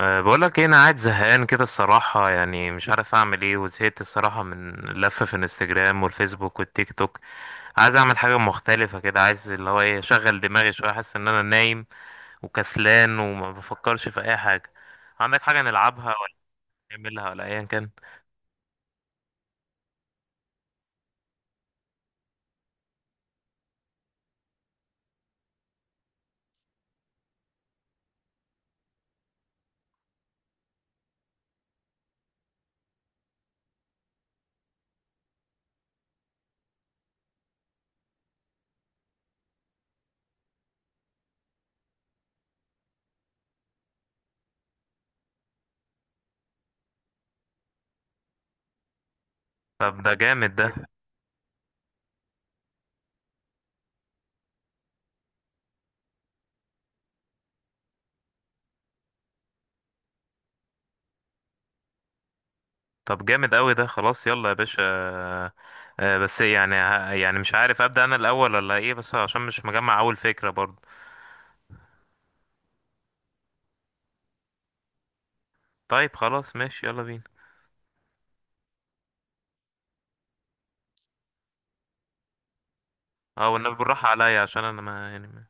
أه، بقولك ايه؟ انا قاعد زهقان كده الصراحة، يعني مش عارف اعمل ايه، وزهقت الصراحة من اللفة في الانستجرام والفيسبوك والتيك توك. عايز اعمل حاجة مختلفة كده، عايز اللي هو ايه، اشغل دماغي شوية، احس ان انا نايم وكسلان وما بفكرش في اي حاجة. عندك حاجة نلعبها ولا نعملها ولا ايا كان؟ طب ده جامد ده. طب جامد قوي ده، خلاص يلا يا باشا. أه. بس يعني يعني مش عارف ابدأ انا الاول ولا ايه، بس عشان مش مجمع اول فكرة برضه. طيب خلاص، ماشي، يلا بينا. اه والنبي بالراحة عليا، عشان انا ما يعني ما.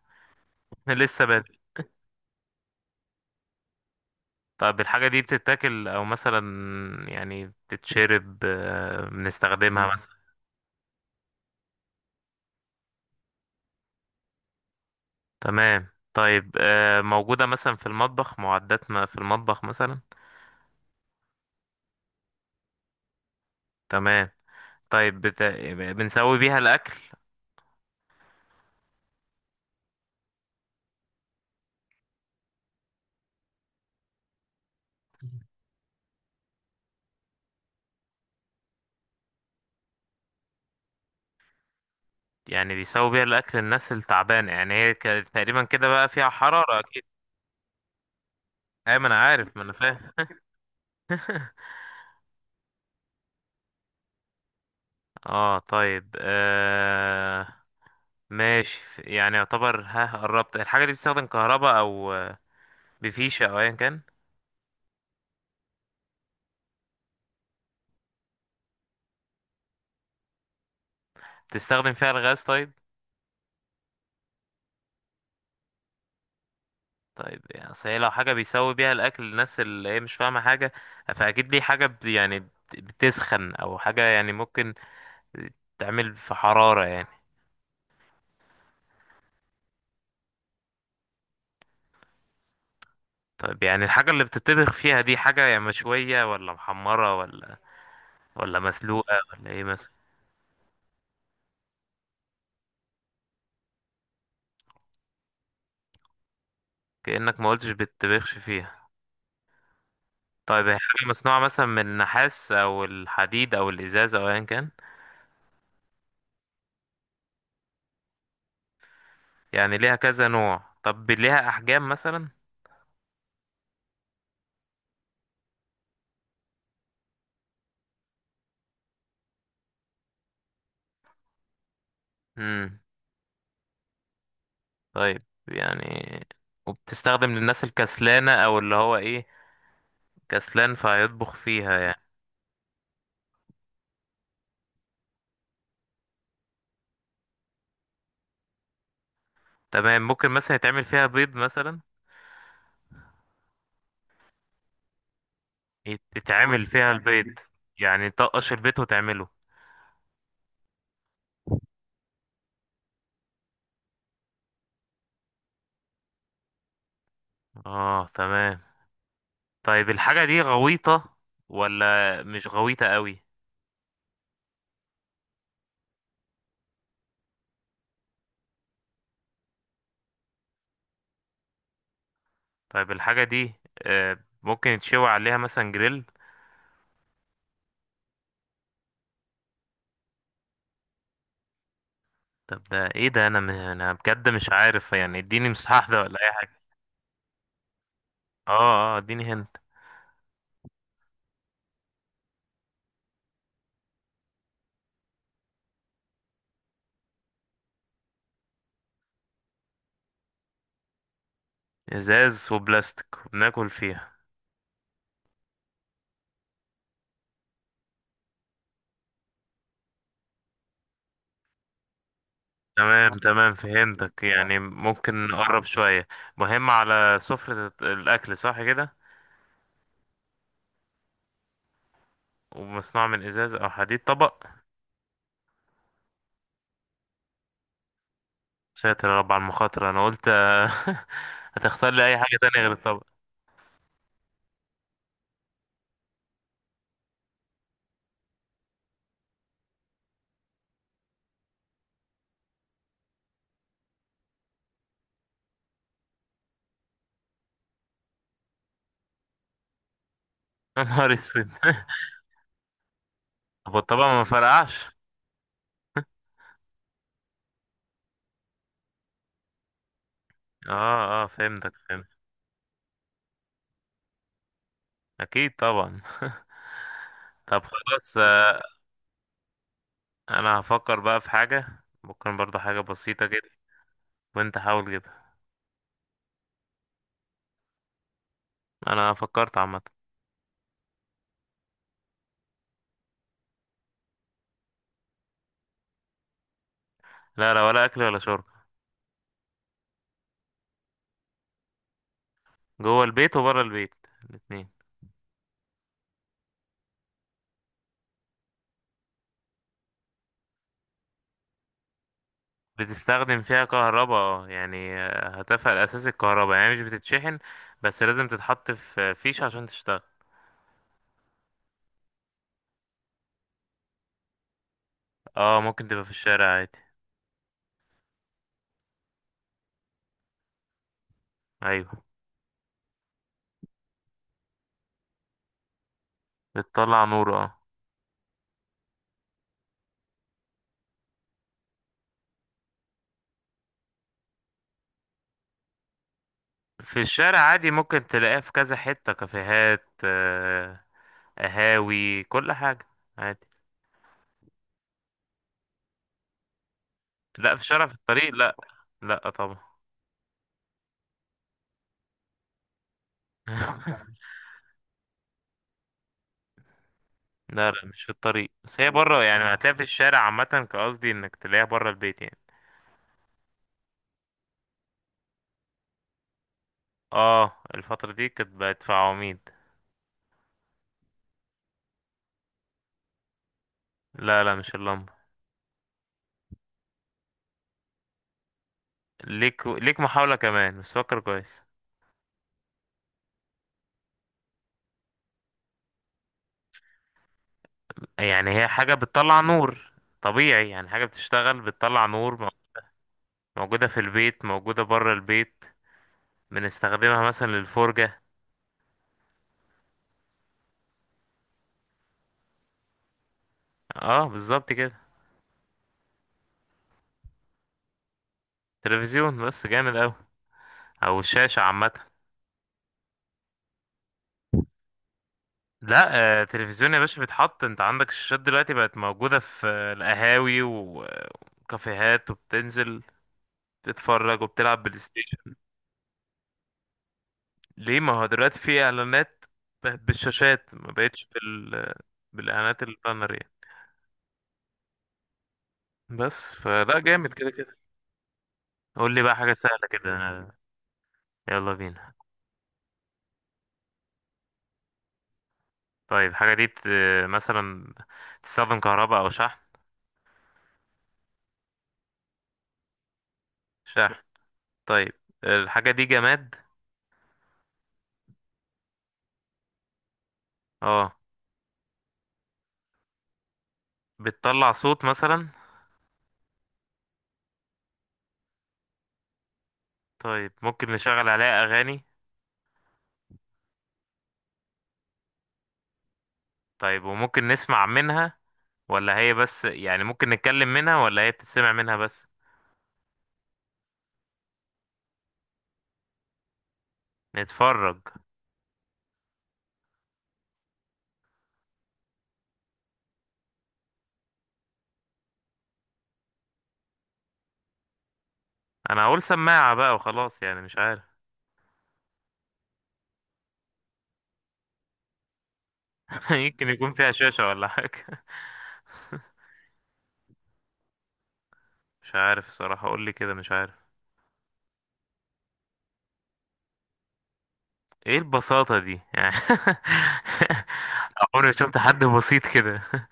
لسه بادئ. طب الحاجة دي بتتاكل، او مثلا يعني بتتشرب، بنستخدمها مثلا؟ تمام. طيب، موجودة مثلا في المطبخ، معدات ما في المطبخ مثلا؟ تمام. طيب بنسوي بيها الأكل؟ يعني بيسوي بيها الأكل الناس التعبانة، يعني هي تقريبا كده، بقى فيها حرارة أكيد. أيوة، ما أنا عارف، ما أنا فاهم. اه، طيب. ماشي يعني يعتبر ها قربت. الحاجة دي بتستخدم كهرباء أو بفيشة أو أيا كان؟ بتستخدم فيها الغاز؟ طيب، طيب يعني أصل هي لو حاجة بيسوي بيها الأكل الناس اللي هي مش فاهمة حاجة، فأكيد دي حاجة يعني بتسخن أو حاجة، يعني ممكن تعمل في حرارة يعني. طيب، يعني الحاجة اللي بتطبخ فيها دي حاجة يعني مشوية ولا محمرة ولا مسلوقة ولا إيه مثلا؟ كأنك ما قلتش بتطبخش فيها. طيب هي حاجة مصنوعة مثلا من النحاس أو الحديد أو الإزاز أو أيا كان؟ يعني ليها كذا نوع؟ طب ليها احجام مثلا؟ امم طيب، يعني وبتستخدم للناس الكسلانة، او اللي هو ايه، كسلان فهيطبخ فيها يعني؟ تمام. ممكن مثلا يتعمل فيها بيض مثلا؟ يتعمل فيها البيض، يعني تقش البيض وتعمله؟ اه تمام. طيب الحاجة دي غويطة ولا مش غويطة قوي؟ طيب الحاجة دي آه، ممكن يتشوي عليها مثلا جريل؟ طب ده ايه ده؟ انا بجد مش عارف يعني، اديني مساحة واحدة ولا اي. اه اه، اديني هنت. ازاز وبلاستيك وبناكل فيها؟ تمام تمام، فهمتك، يعني ممكن نقرب شوية؟ مهم على سفرة الأكل، صح كده؟ ومصنوع من إزاز أو حديد. طبق. ساتر يا رب على المخاطرة، أنا قلت هتختار لي أي حاجة تانية غير الطبق. يا نهار أسود. طب والطبق ما فرقعش؟ اه اه، فهمتك، فهمت. أكيد طبعا. طب خلاص. أنا هفكر بقى في حاجة، ممكن برضه حاجة بسيطة كده، وأنت حاول جدا. انا فكرت، عامه. لا لا، ولا اكل ولا شرب. جوه البيت وبره البيت، الاتنين. بتستخدم فيها كهرباء اه، يعني هتفها الاساسي الكهرباء، يعني مش بتتشحن، بس لازم تتحط في فيش عشان تشتغل. اه، ممكن تبقى في الشارع عادي. ايوه، بتطلع نور، اه. في الشارع عادي، ممكن تلاقيها في كذا حته، كافيهات، قهاوي، كل حاجه عادي. لا، في الشارع في الطريق، لا. لا طبعا. لا لا، مش في الطريق، بس هي بره، يعني هتلاقيها في الشارع عامة، كقصدي انك تلاقيها بره البيت يعني. اه، الفترة دي كانت بقت في عواميد. لا لا، مش اللمبة. ليك محاولة كمان، بس فكر كويس. يعني هي حاجة بتطلع نور طبيعي، يعني حاجة بتشتغل، بتطلع نور، موجودة في البيت، موجودة بره البيت، بنستخدمها مثلا للفرجة. اه بالظبط كده. تلفزيون، بس جامد اوي، او الشاشة عامة. لا، تلفزيون يا باشا بيتحط. انت عندك الشاشات دلوقتي بقت موجودة في القهاوي و- وكافيهات، وبتنزل تتفرج وبتلعب بلاي ستيشن. ليه؟ ما هو دلوقتي في اعلانات بالشاشات، ما بقتش بالاعلانات البانرية. بس فلا جامد كده كده. قول لي بقى حاجة سهلة كده. يلا بينا. طيب الحاجة دي مثلا تستخدم كهرباء او شحن؟ شحن. طيب الحاجة دي جماد؟ اه. بتطلع صوت مثلا؟ طيب ممكن نشغل عليها اغاني؟ طيب، وممكن نسمع منها، ولا هي بس يعني ممكن نتكلم منها، ولا هي بتتسمع منها بس؟ نتفرج. انا هقول سماعة بقى وخلاص، يعني مش عارف. يمكن يكون فيها شاشة ولا حاجة. مش عارف الصراحة، قول لي كده، مش عارف. ايه البساطة دي يعني؟ عمري ما شفت حد بسيط كده.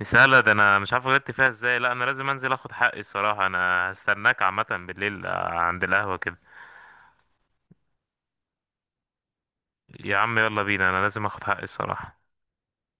مسألة ده انا مش عارف غلطت فيها ازاي. لا انا لازم انزل اخد حقي الصراحة. انا هستناك عامة بالليل عند القهوة كده. يا عم يلا بينا، انا لازم اخد حقي الصراحة.